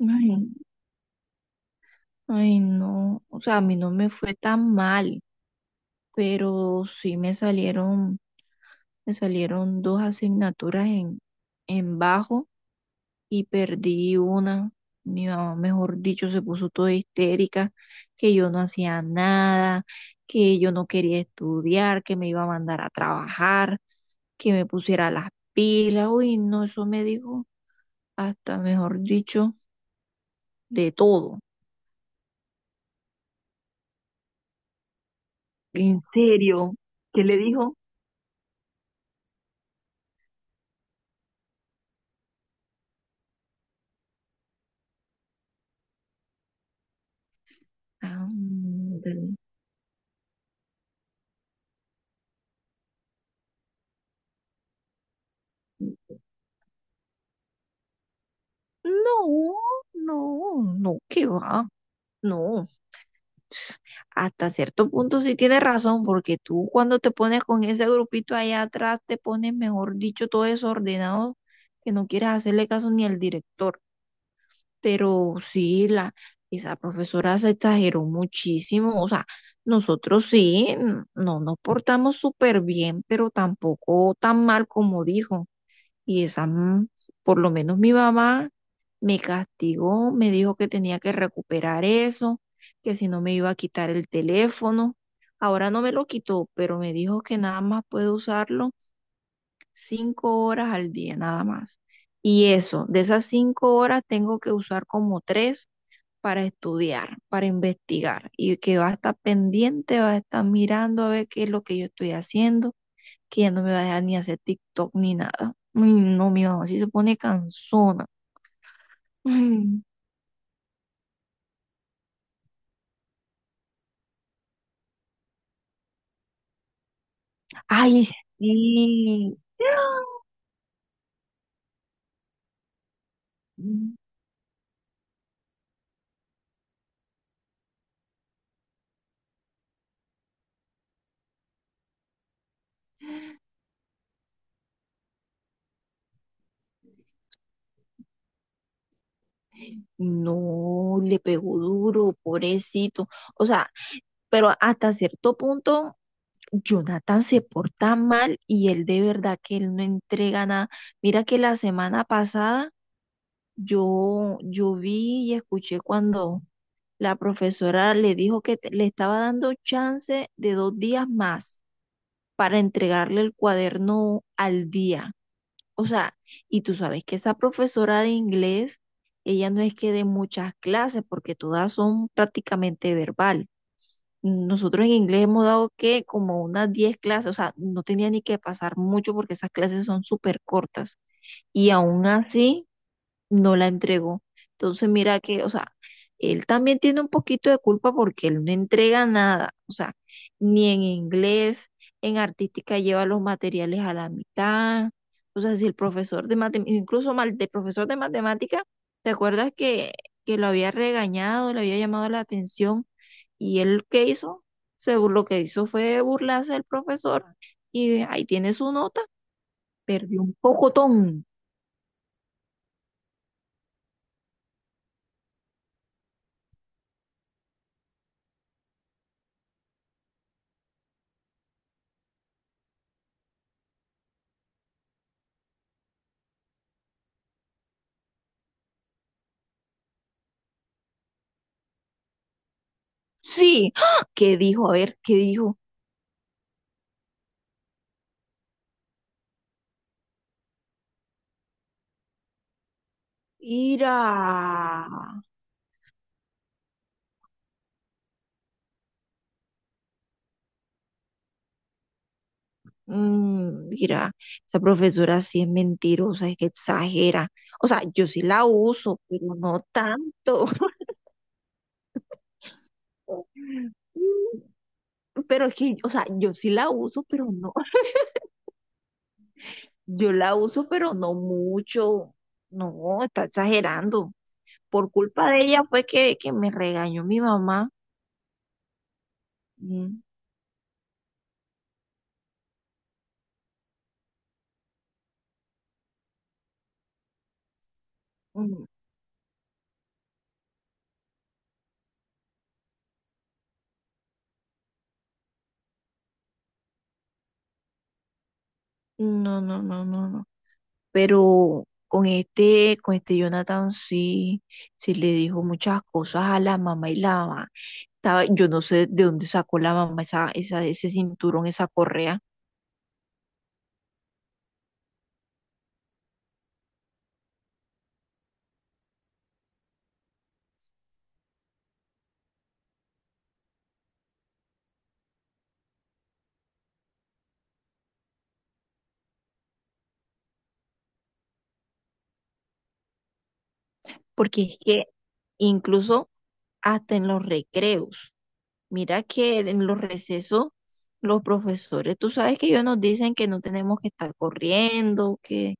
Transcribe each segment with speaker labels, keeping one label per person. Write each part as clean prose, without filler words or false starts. Speaker 1: Ay, ay, no, o sea, a mí no me fue tan mal, pero sí me salieron dos asignaturas en bajo y perdí una. Mi mamá, mejor dicho, se puso toda histérica, que yo no hacía nada, que yo no quería estudiar, que me iba a mandar a trabajar, que me pusiera las pilas. Uy, no, eso me dijo hasta, mejor dicho, de todo. ¿En serio? ¿Qué le dijo? Ándale. No, no, no, qué va, no. Hasta cierto punto sí tienes razón, porque tú cuando te pones con ese grupito allá atrás, te pones, mejor dicho, todo desordenado, que no quieres hacerle caso ni al director. Pero sí, esa profesora se exageró muchísimo. O sea, nosotros sí, no nos portamos súper bien, pero tampoco tan mal como dijo. Y esa, por lo menos mi mamá me castigó, me dijo que tenía que recuperar eso, que si no me iba a quitar el teléfono. Ahora no me lo quitó, pero me dijo que nada más puedo usarlo 5 horas al día, nada más. Y eso, de esas 5 horas tengo que usar como tres para estudiar, para investigar, y que va a estar pendiente, va a estar mirando a ver qué es lo que yo estoy haciendo, que ya no me va a dejar ni hacer TikTok ni nada. Uy, no, mi mamá sí se pone cansona. Ay, sí. Mm. No, le pegó duro, pobrecito. O sea, pero hasta cierto punto, Jonathan se porta mal y él de verdad que él no entrega nada. Mira que la semana pasada yo vi y escuché cuando la profesora le dijo que le estaba dando chance de 2 días más para entregarle el cuaderno al día. O sea, y tú sabes que esa profesora de inglés, ella no es que dé muchas clases porque todas son prácticamente verbal. Nosotros en inglés hemos dado que como unas 10 clases, o sea, no tenía ni que pasar mucho porque esas clases son súper cortas. Y aún así, no la entregó. Entonces, mira que, o sea, él también tiene un poquito de culpa porque él no entrega nada, o sea, ni en inglés, en artística lleva los materiales a la mitad. O sea, si el profesor de matemáticas, incluso mal, de profesor de matemática, ¿te acuerdas que lo había regañado, le había llamado la atención? Y él, ¿qué hizo? Lo que hizo fue burlarse del profesor y ahí tiene su nota, perdió un pocotón. Sí, ¡ah! ¿Qué dijo? A ver, ¿qué dijo? Mira, mira, esa profesora sí es mentirosa, es que exagera. O sea, yo sí la uso, pero no tanto. Mm. Pero es que, o sea, yo sí la uso, pero no. Yo la uso, pero no mucho. No, está exagerando. Por culpa de ella fue que me regañó mi mamá. Mm, mm, No, no, no, no, no, pero con este Jonathan sí, sí le dijo muchas cosas a la mamá y la mamá. Estaba, yo no sé de dónde sacó la mamá ese cinturón, esa correa, porque es que incluso hasta en los recreos, mira que en los recesos, los profesores, tú sabes que ellos nos dicen que no tenemos que estar corriendo,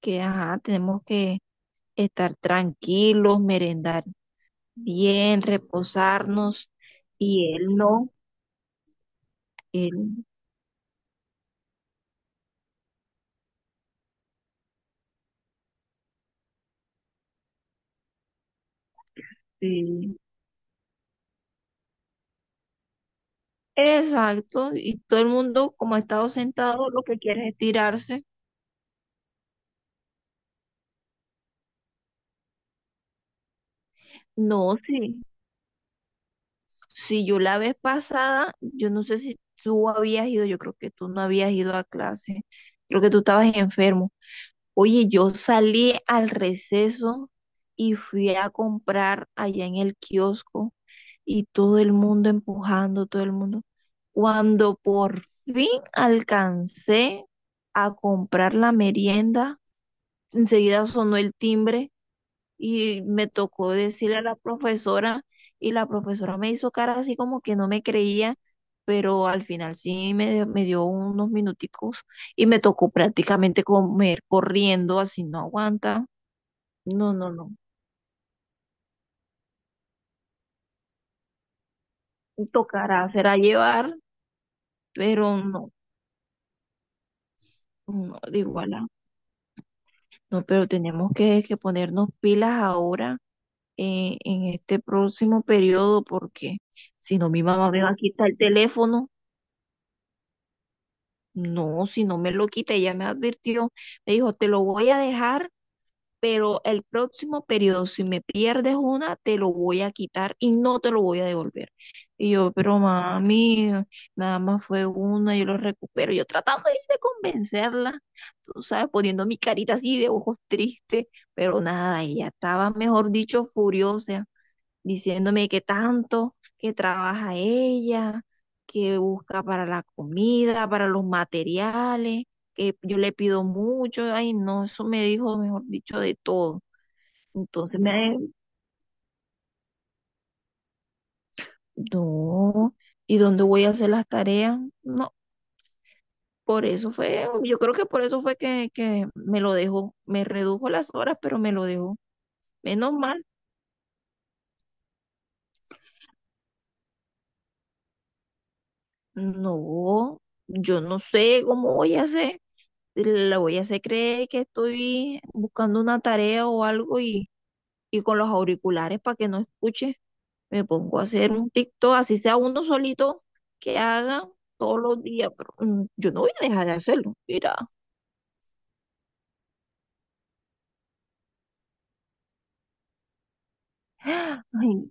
Speaker 1: que ajá, tenemos que estar tranquilos, merendar bien, reposarnos y él no, él, sí. Exacto, y todo el mundo como ha estado sentado lo que quiere es tirarse. No, sí, si yo la vez pasada, yo no sé si tú habías ido, yo creo que tú no habías ido a clase, creo que tú estabas enfermo. Oye, yo salí al receso y fui a comprar allá en el kiosco y todo el mundo empujando, todo el mundo. Cuando por fin alcancé a comprar la merienda, enseguida sonó el timbre y me tocó decirle a la profesora y la profesora me hizo cara así como que no me creía, pero al final sí me dio unos minuticos y me tocó prácticamente comer corriendo, así no aguanta. No, no, no. Tocará, será llevar, pero no, no, de igual. No, pero tenemos que ponernos pilas ahora en este próximo periodo porque si no mi mamá me va a quitar el teléfono. No, si no me lo quita, ella me advirtió. Me dijo, te lo voy a dejar pero el próximo periodo, si me pierdes una, te lo voy a quitar y no te lo voy a devolver. Y yo, pero mami, nada más fue una, yo lo recupero. Yo tratando ahí de convencerla, tú sabes, poniendo mi carita así de ojos tristes, pero nada, ella estaba, mejor dicho, furiosa diciéndome que tanto, que trabaja ella, que busca para la comida, para los materiales, que yo le pido mucho, ay no, eso me dijo, mejor dicho, de todo. Entonces me, no, ¿y dónde voy a hacer las tareas? No, por eso fue, yo creo que por eso fue que me lo dejó, me redujo las horas, pero me lo dejó. Menos mal, no, yo no sé cómo voy a hacer. La huella se cree que estoy buscando una tarea o algo y con los auriculares para que no escuche, me pongo a hacer un TikTok, así sea uno solito que haga todos los días, pero yo no voy a dejar de hacerlo, mira, ay,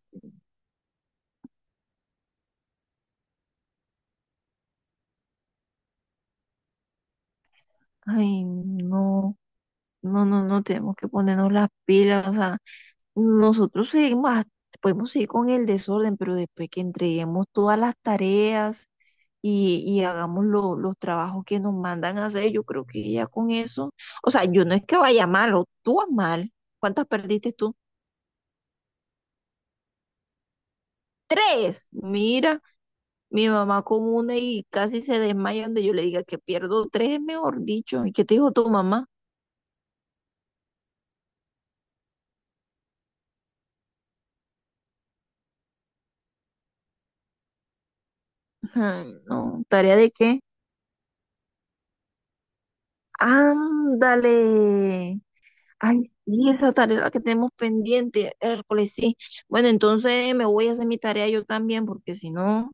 Speaker 1: ay, no. No, no, no, tenemos que ponernos las pilas, o sea, nosotros seguimos, podemos seguir con el desorden, pero después que entreguemos todas las tareas, y hagamos los trabajos que nos mandan a hacer. Yo creo que ya con eso, o sea, yo no es que vaya mal, o tú vas mal. ¿Cuántas perdiste tú? Tres. Mira, mi mamá con una y casi se desmaya donde yo le diga que pierdo tres, mejor dicho. ¿Y qué te dijo tu mamá? Ay, no, ¿tarea de qué? Ándale. Ay, sí, esa tarea es la que tenemos pendiente, Hércules, sí. Bueno, entonces me voy a hacer mi tarea yo también, porque si no,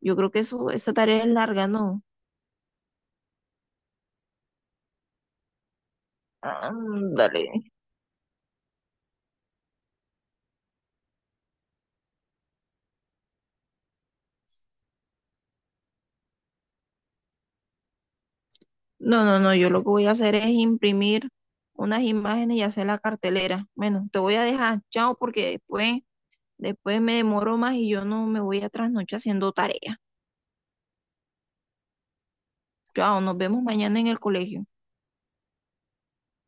Speaker 1: yo creo que eso, esa tarea es larga, ¿no? Ándale. No, no, no, yo lo que voy a hacer es imprimir unas imágenes y hacer la cartelera. Bueno, te voy a dejar, chao, porque después, después me demoro más y yo no me voy a trasnochar haciendo tarea. Chao, nos vemos mañana en el colegio.